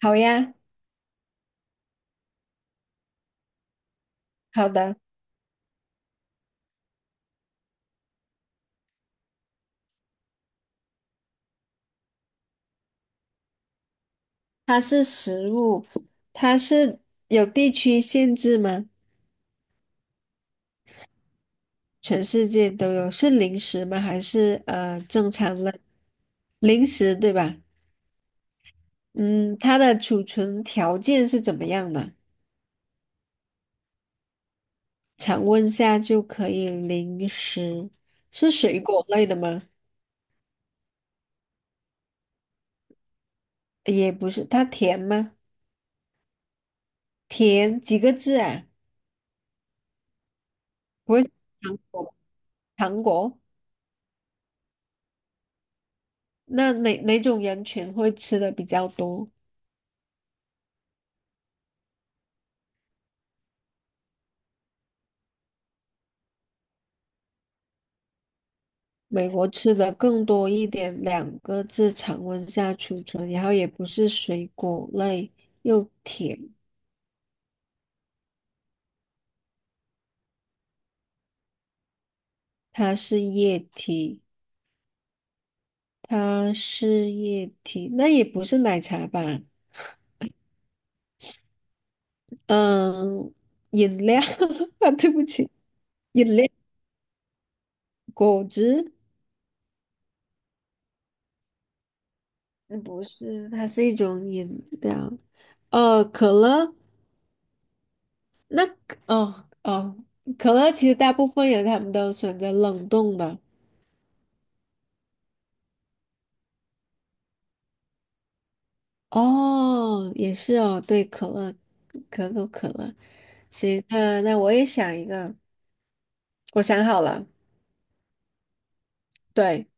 好呀，好的。它是食物，它是有地区限制吗？全世界都有，是零食吗？还是正常的零食，对吧？嗯，它的储存条件是怎么样的？常温下就可以零食，是水果类的吗？也不是，它甜吗？甜几个字啊？不会是糖果吧糖果？那哪种人群会吃的比较多？美国吃的更多一点，两个字常温下储存，然后也不是水果类，又甜，它是液体，它是液体，那也不是奶茶吧？嗯，饮料 啊，对不起，饮料，果汁，嗯不是，它是一种饮料。可乐，那哦哦，可乐其实大部分人他们都选择冷冻的。哦，也是哦，对，可乐，可口可乐。行，那我也想一个，我想好了，对，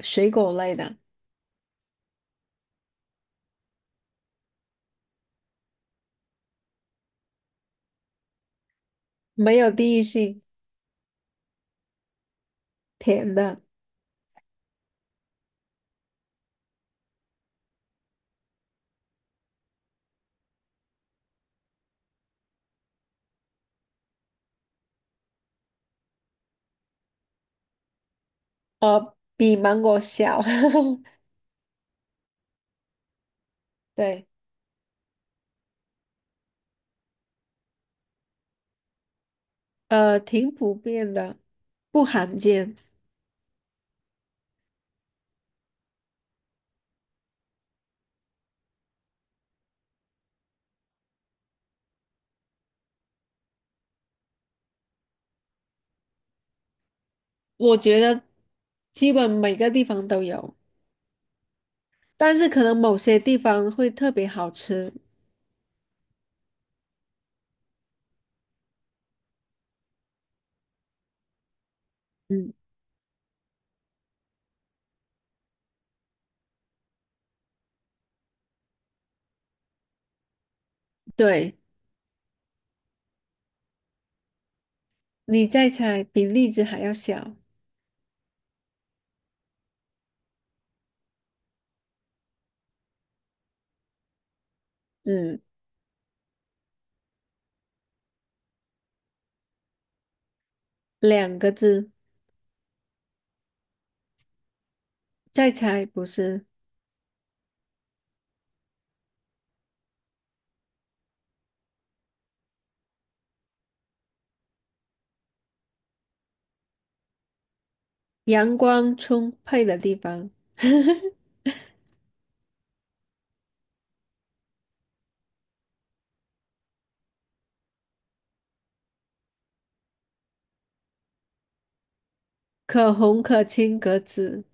水果类的，没有地域性，甜的，哦，比芒果小，对，挺普遍的，不罕见，我觉得基本每个地方都有，但是可能某些地方会特别好吃。嗯，对，你再猜，比荔枝还要小，嗯，两个字。再猜，不是阳光充沛的地方，可红可青可紫。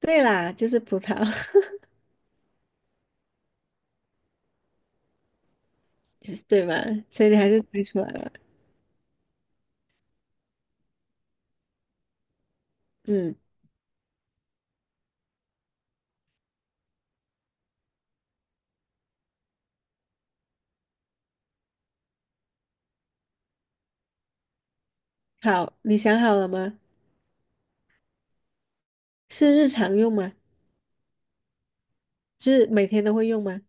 对啦，就是葡萄，就是对嘛？所以你还是猜出来了。嗯，好，你想好了吗？是日常用吗？是每天都会用吗？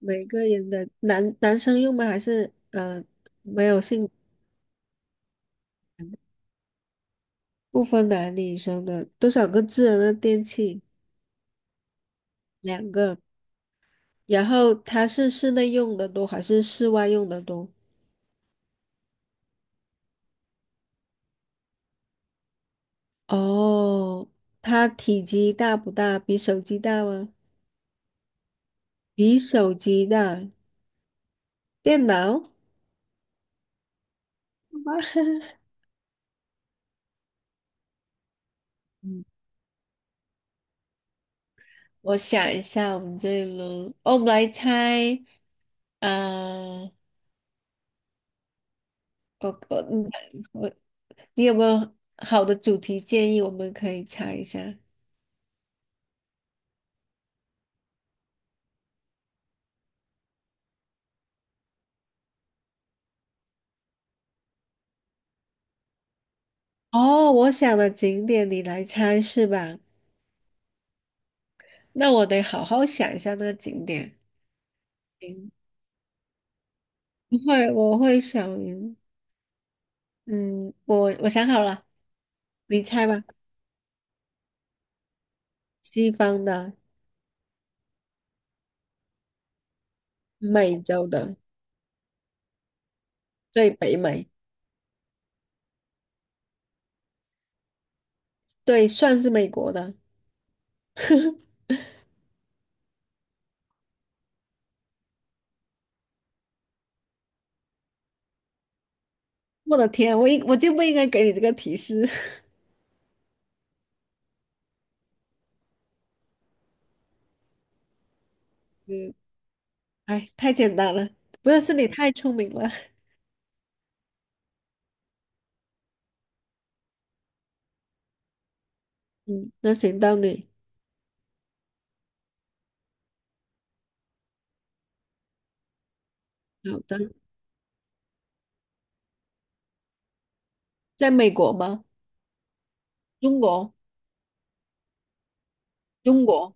每个人的男生用吗？还是没有性不分男女生的？多少个智能的电器？两个。然后它是室内用的多还是室外用的多？哦，它体积大不大？比手机大吗？比手机大。电脑？好吧 嗯，我想一下，我们这一轮，哦，我们来猜，啊，我我你我，你有没有好的主题建议？我们可以猜一下。哦，我想的景点你来猜是吧？那我得好好想一下那个景点。嗯，不会，我会想，嗯，我想好了，你猜吧。西方的，美洲的，对北美，对，算是美国的。我的天啊，我就不应该给你这个提示。嗯，哎，太简单了，不是，是你太聪明了。嗯，那行到你。好的，在美国吗？中国，中国，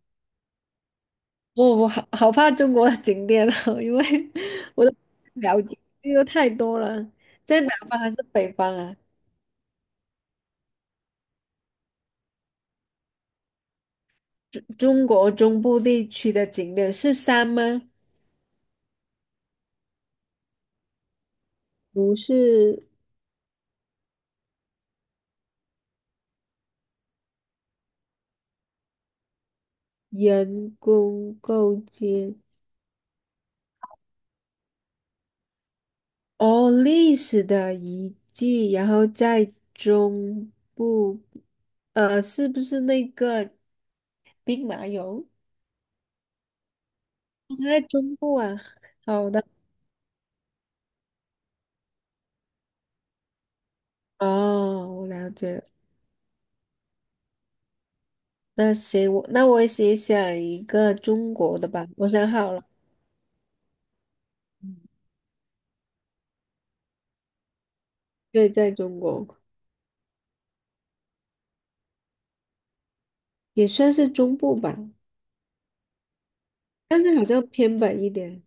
我好好怕中国的景点哦，因为 我都不了解，因为太多了。在南方还是北方啊？中国中部地区的景点是山吗？不是人工构建哦，历史的遗迹，然后在中部，是不是那个兵马俑？它在中部啊。好的，哦，我了解了那行，我也写想一个中国的吧，我想好了，嗯对，在中国也算是中部吧，但是好像偏北一点，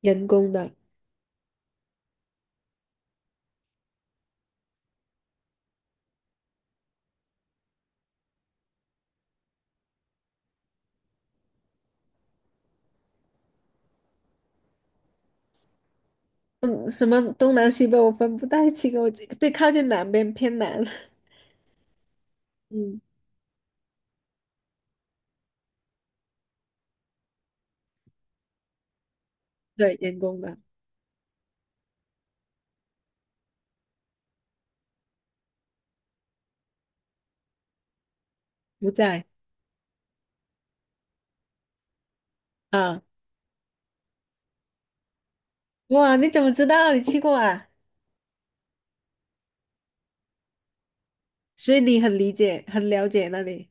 人工的。嗯，什么东南西北我分不太清，我这对靠近南边偏南。嗯，对，员工的不在啊。哇，你怎么知道？你去过啊？所以你很理解，很了解那里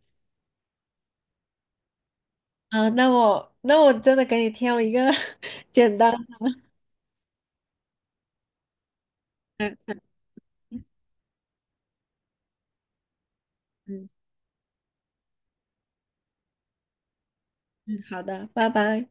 啊。那我真的给你挑一个 简单嗯嗯嗯，好的，拜拜。